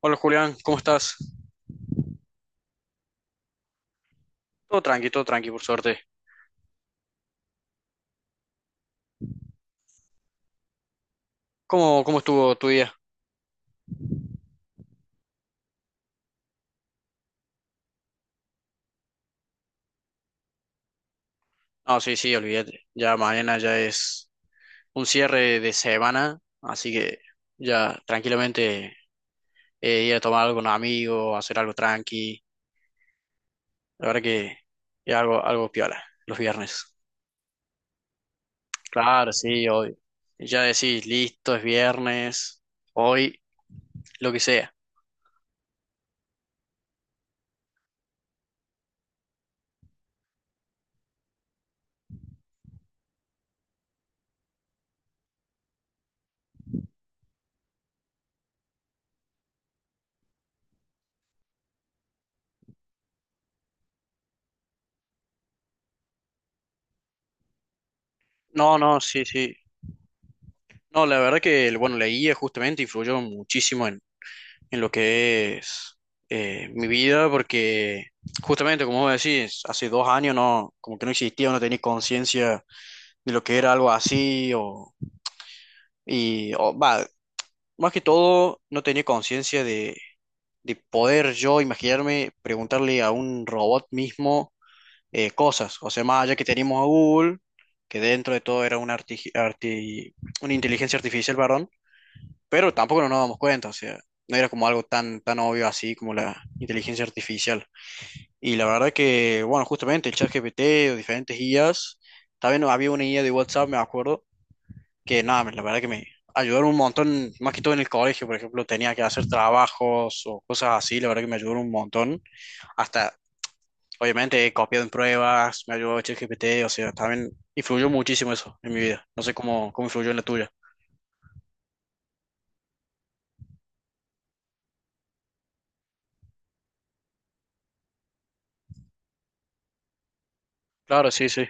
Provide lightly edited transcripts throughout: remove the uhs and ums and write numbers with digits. Hola Julián, ¿cómo estás? Todo tranqui, por suerte. ¿Cómo estuvo tu día? Ah, sí, sí, olvídate. Ya mañana ya es un cierre de semana, así que ya tranquilamente ir a tomar algo con amigos, hacer algo tranqui. La verdad que es algo piola, los viernes. Claro, sí, hoy. Ya decís, listo, es viernes, hoy, lo que sea. No, no, sí, sí. No, la verdad que, bueno, la guía justamente influyó muchísimo en lo que es mi vida, porque justamente, como vos decís, hace 2 años no, como que no existía, no tenía conciencia de lo que era algo así, o, y, o, va, más que todo, no tenía conciencia de poder yo imaginarme preguntarle a un robot mismo cosas, o sea, más allá que teníamos a Google, que dentro de todo era una, una inteligencia artificial, varón, pero tampoco nos dábamos cuenta, o sea, no era como algo tan obvio así como la inteligencia artificial. Y la verdad que, bueno, justamente el ChatGPT o diferentes IAs, también había una IA de WhatsApp, me acuerdo, que nada, la verdad que me ayudaron un montón, más que todo en el colegio, por ejemplo, tenía que hacer trabajos o cosas así, la verdad que me ayudaron un montón, hasta... Obviamente he copiado en pruebas, me ayudó ChatGPT, o sea, también influyó muchísimo eso en mi vida. No sé cómo influyó en la tuya. Claro, sí, sí.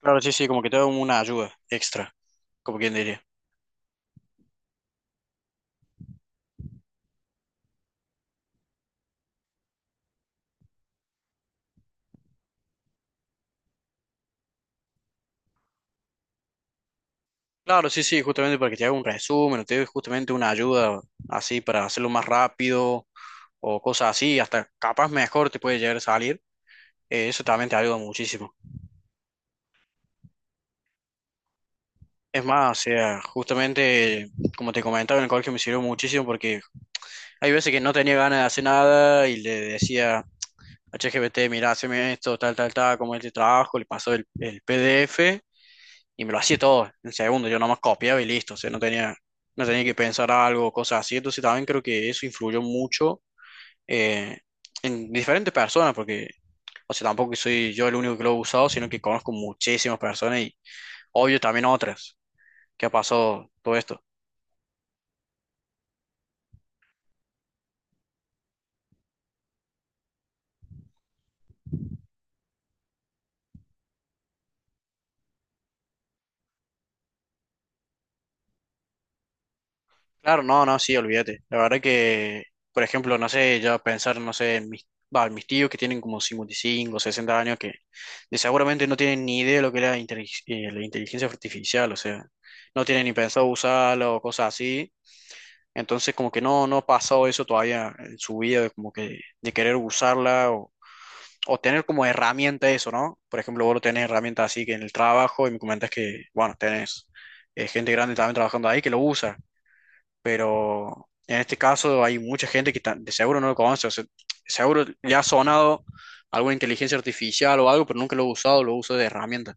Claro, sí, sí, como que te da una ayuda extra, como quien diría. Claro, sí, sí, justamente para que te haga un resumen, o te dé justamente una ayuda así para hacerlo más rápido o cosas así, hasta capaz mejor te puede llegar a salir. Eso también te ayuda muchísimo. Es más, o sea, justamente, como te comentaba, en el colegio me sirvió muchísimo porque hay veces que no tenía ganas de hacer nada y le decía a ChatGPT, mira, haceme esto, tal, tal, tal, como este trabajo, le pasó el PDF y me lo hacía todo en segundo, yo nomás copiaba y listo, o sea, no tenía que pensar algo, cosas así, entonces también creo que eso influyó mucho eh, en diferentes personas, porque, o sea, tampoco soy yo el único que lo he usado, sino que conozco muchísimas personas y obvio también otras que ha pasado todo esto. Claro, no, no, sí, olvídate. La verdad que, por ejemplo, no sé, ya pensar, no sé, en mis tíos que tienen como 55, 60 años, que seguramente no tienen ni idea de lo que es la, la inteligencia artificial, o sea, no tienen ni pensado usarlo o cosas así. Entonces, como que no, no ha pasado eso todavía en su vida, de como que de querer o tener como herramienta eso, ¿no? Por ejemplo, vos lo tenés herramienta así que en el trabajo y me comentas que, bueno, tenés gente grande también trabajando ahí que lo usa, pero en este caso hay mucha gente que de seguro no lo conoce, o sea, seguro le ha sonado alguna inteligencia artificial o algo, pero nunca lo ha usado, lo usa de herramienta.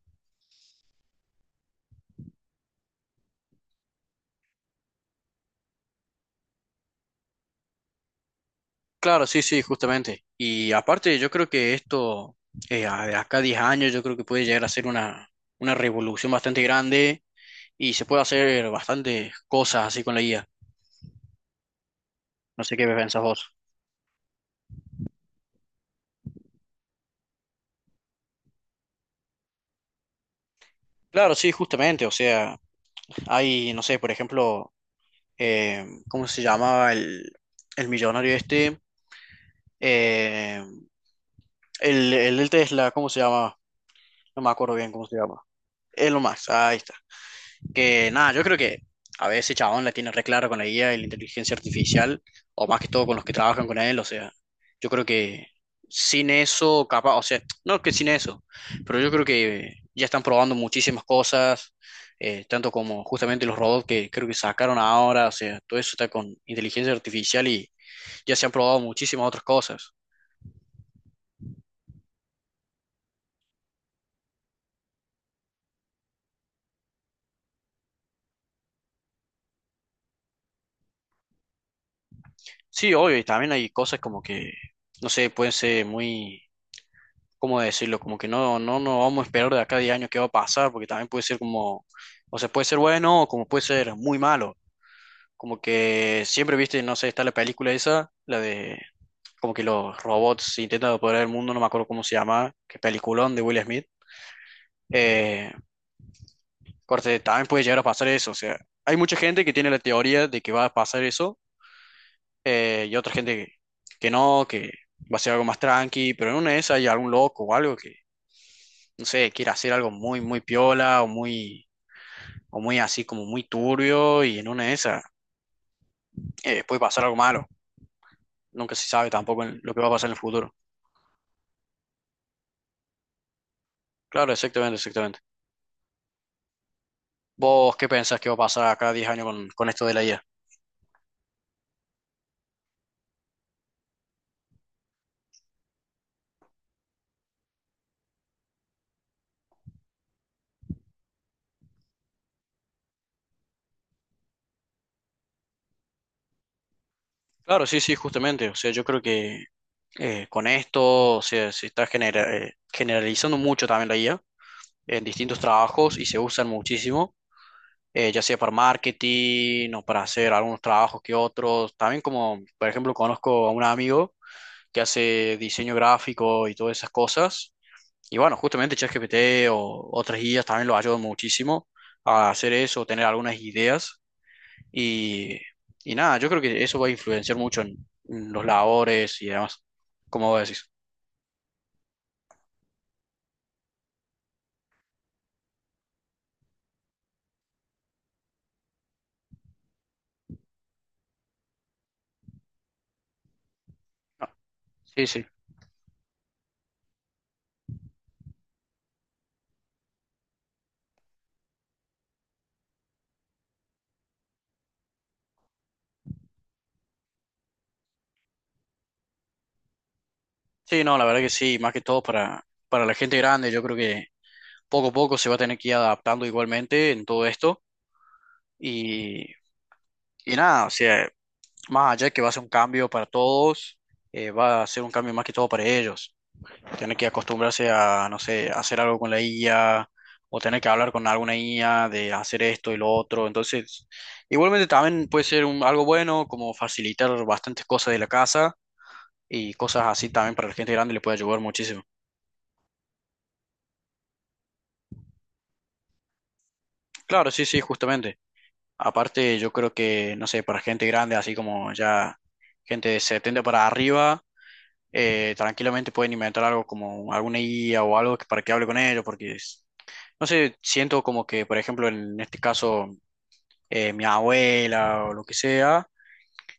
Claro, sí, sí, justamente. Y aparte, yo creo que esto, de acá a 10 años, yo creo que puede llegar a ser una revolución bastante grande y se puede hacer bastantes cosas así con la IA. No sé qué pensás vos. Claro, sí, justamente. O sea, hay, no sé, por ejemplo, ¿cómo se llamaba el millonario este? Eh, el del Tesla, ¿cómo se llama? No me acuerdo bien cómo se llama. Elon Musk, ahí está. Que nada, yo creo que a veces ese chabón la tiene re clara con la guía y la inteligencia artificial, o más que todo con los que trabajan con él, o sea, yo creo que sin eso, capaz, o sea, no que sin eso, pero yo creo que ya están probando muchísimas cosas, tanto como justamente los robots que creo que sacaron ahora, o sea, todo eso está con inteligencia artificial y ya se han probado muchísimas otras cosas. Sí, obvio, y también hay cosas como que, no sé, pueden ser muy ¿cómo decirlo? Como que no vamos a esperar de acá a 10 años qué va a pasar, porque también puede ser como, o sea, puede ser bueno o como puede ser muy malo. Como que siempre viste, no sé, está la película esa, la de como que los robots intentan apoderar el mundo, no me acuerdo cómo se llama, qué peliculón de Will Smith. Eh, corte, también puede llegar a pasar eso, o sea, hay mucha gente que tiene la teoría de que va a pasar eso, y otra gente que no, que va a ser algo más tranqui, pero en una de esas hay algún loco o algo que no sé, quiere hacer algo muy piola o muy así como muy turbio y en una de esas puede pasar algo malo. Nunca se sabe tampoco en lo que va a pasar en el futuro. Claro, exactamente, exactamente. ¿Vos qué pensás que va a pasar acá 10 años con esto de la IA? Claro, sí, sí, justamente. O sea, yo creo que con esto, o sea, se está genera- generalizando mucho también la IA en distintos trabajos y se usan muchísimo. Ya sea para marketing o para hacer algunos trabajos que otros. También como, por ejemplo, conozco a un amigo que hace diseño gráfico y todas esas cosas. Y bueno, justamente ChatGPT o otras guías también lo ayudan muchísimo a hacer eso, tener algunas ideas. Y, y nada, yo creo que eso va a influenciar mucho en los labores y demás, como vos decís. Ah, sí, sí. Sí, no, la verdad que sí, más que todo para la gente grande, yo creo que poco a poco se va a tener que ir adaptando igualmente en todo esto. Y, y nada, o sea, más allá de que va a ser un cambio para todos, va a ser un cambio más que todo para ellos. Tener que acostumbrarse a, no sé, hacer algo con la IA o tener que hablar con alguna IA de hacer esto y lo otro. Entonces, igualmente también puede ser un, algo bueno como facilitar bastantes cosas de la casa y cosas así también para la gente grande le puede ayudar muchísimo. Claro, sí, sí, justamente. Aparte, yo creo que, no sé, para gente grande, así como ya gente de 70 para arriba, tranquilamente pueden inventar algo como alguna guía o algo para que hable con ellos, porque, no sé, siento como que, por ejemplo, en este caso, mi abuela o lo que sea,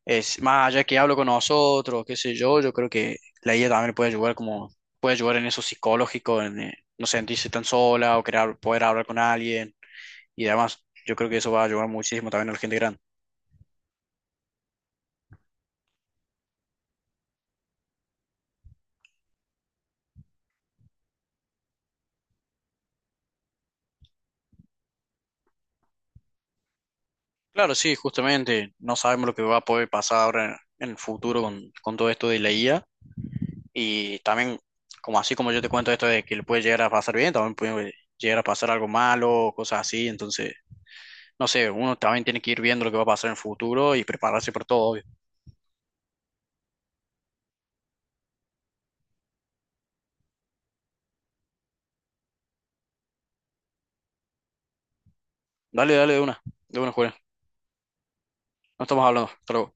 es más allá que hablo con nosotros, qué sé yo, yo creo que la guía también puede ayudar como, puede ayudar en eso psicológico, en no sentirse tan sola o querer, poder hablar con alguien y además, yo creo que eso va a ayudar muchísimo también a la gente grande. Claro, sí, justamente no sabemos lo que va a poder pasar ahora en el futuro con todo esto de la IA. Y también, como así como yo te cuento esto de que le puede llegar a pasar bien, también puede llegar a pasar algo malo, cosas así. Entonces, no sé, uno también tiene que ir viendo lo que va a pasar en el futuro y prepararse por todo, obvio. Dale, dale de una, Julián. No estamos hablando. Hasta luego.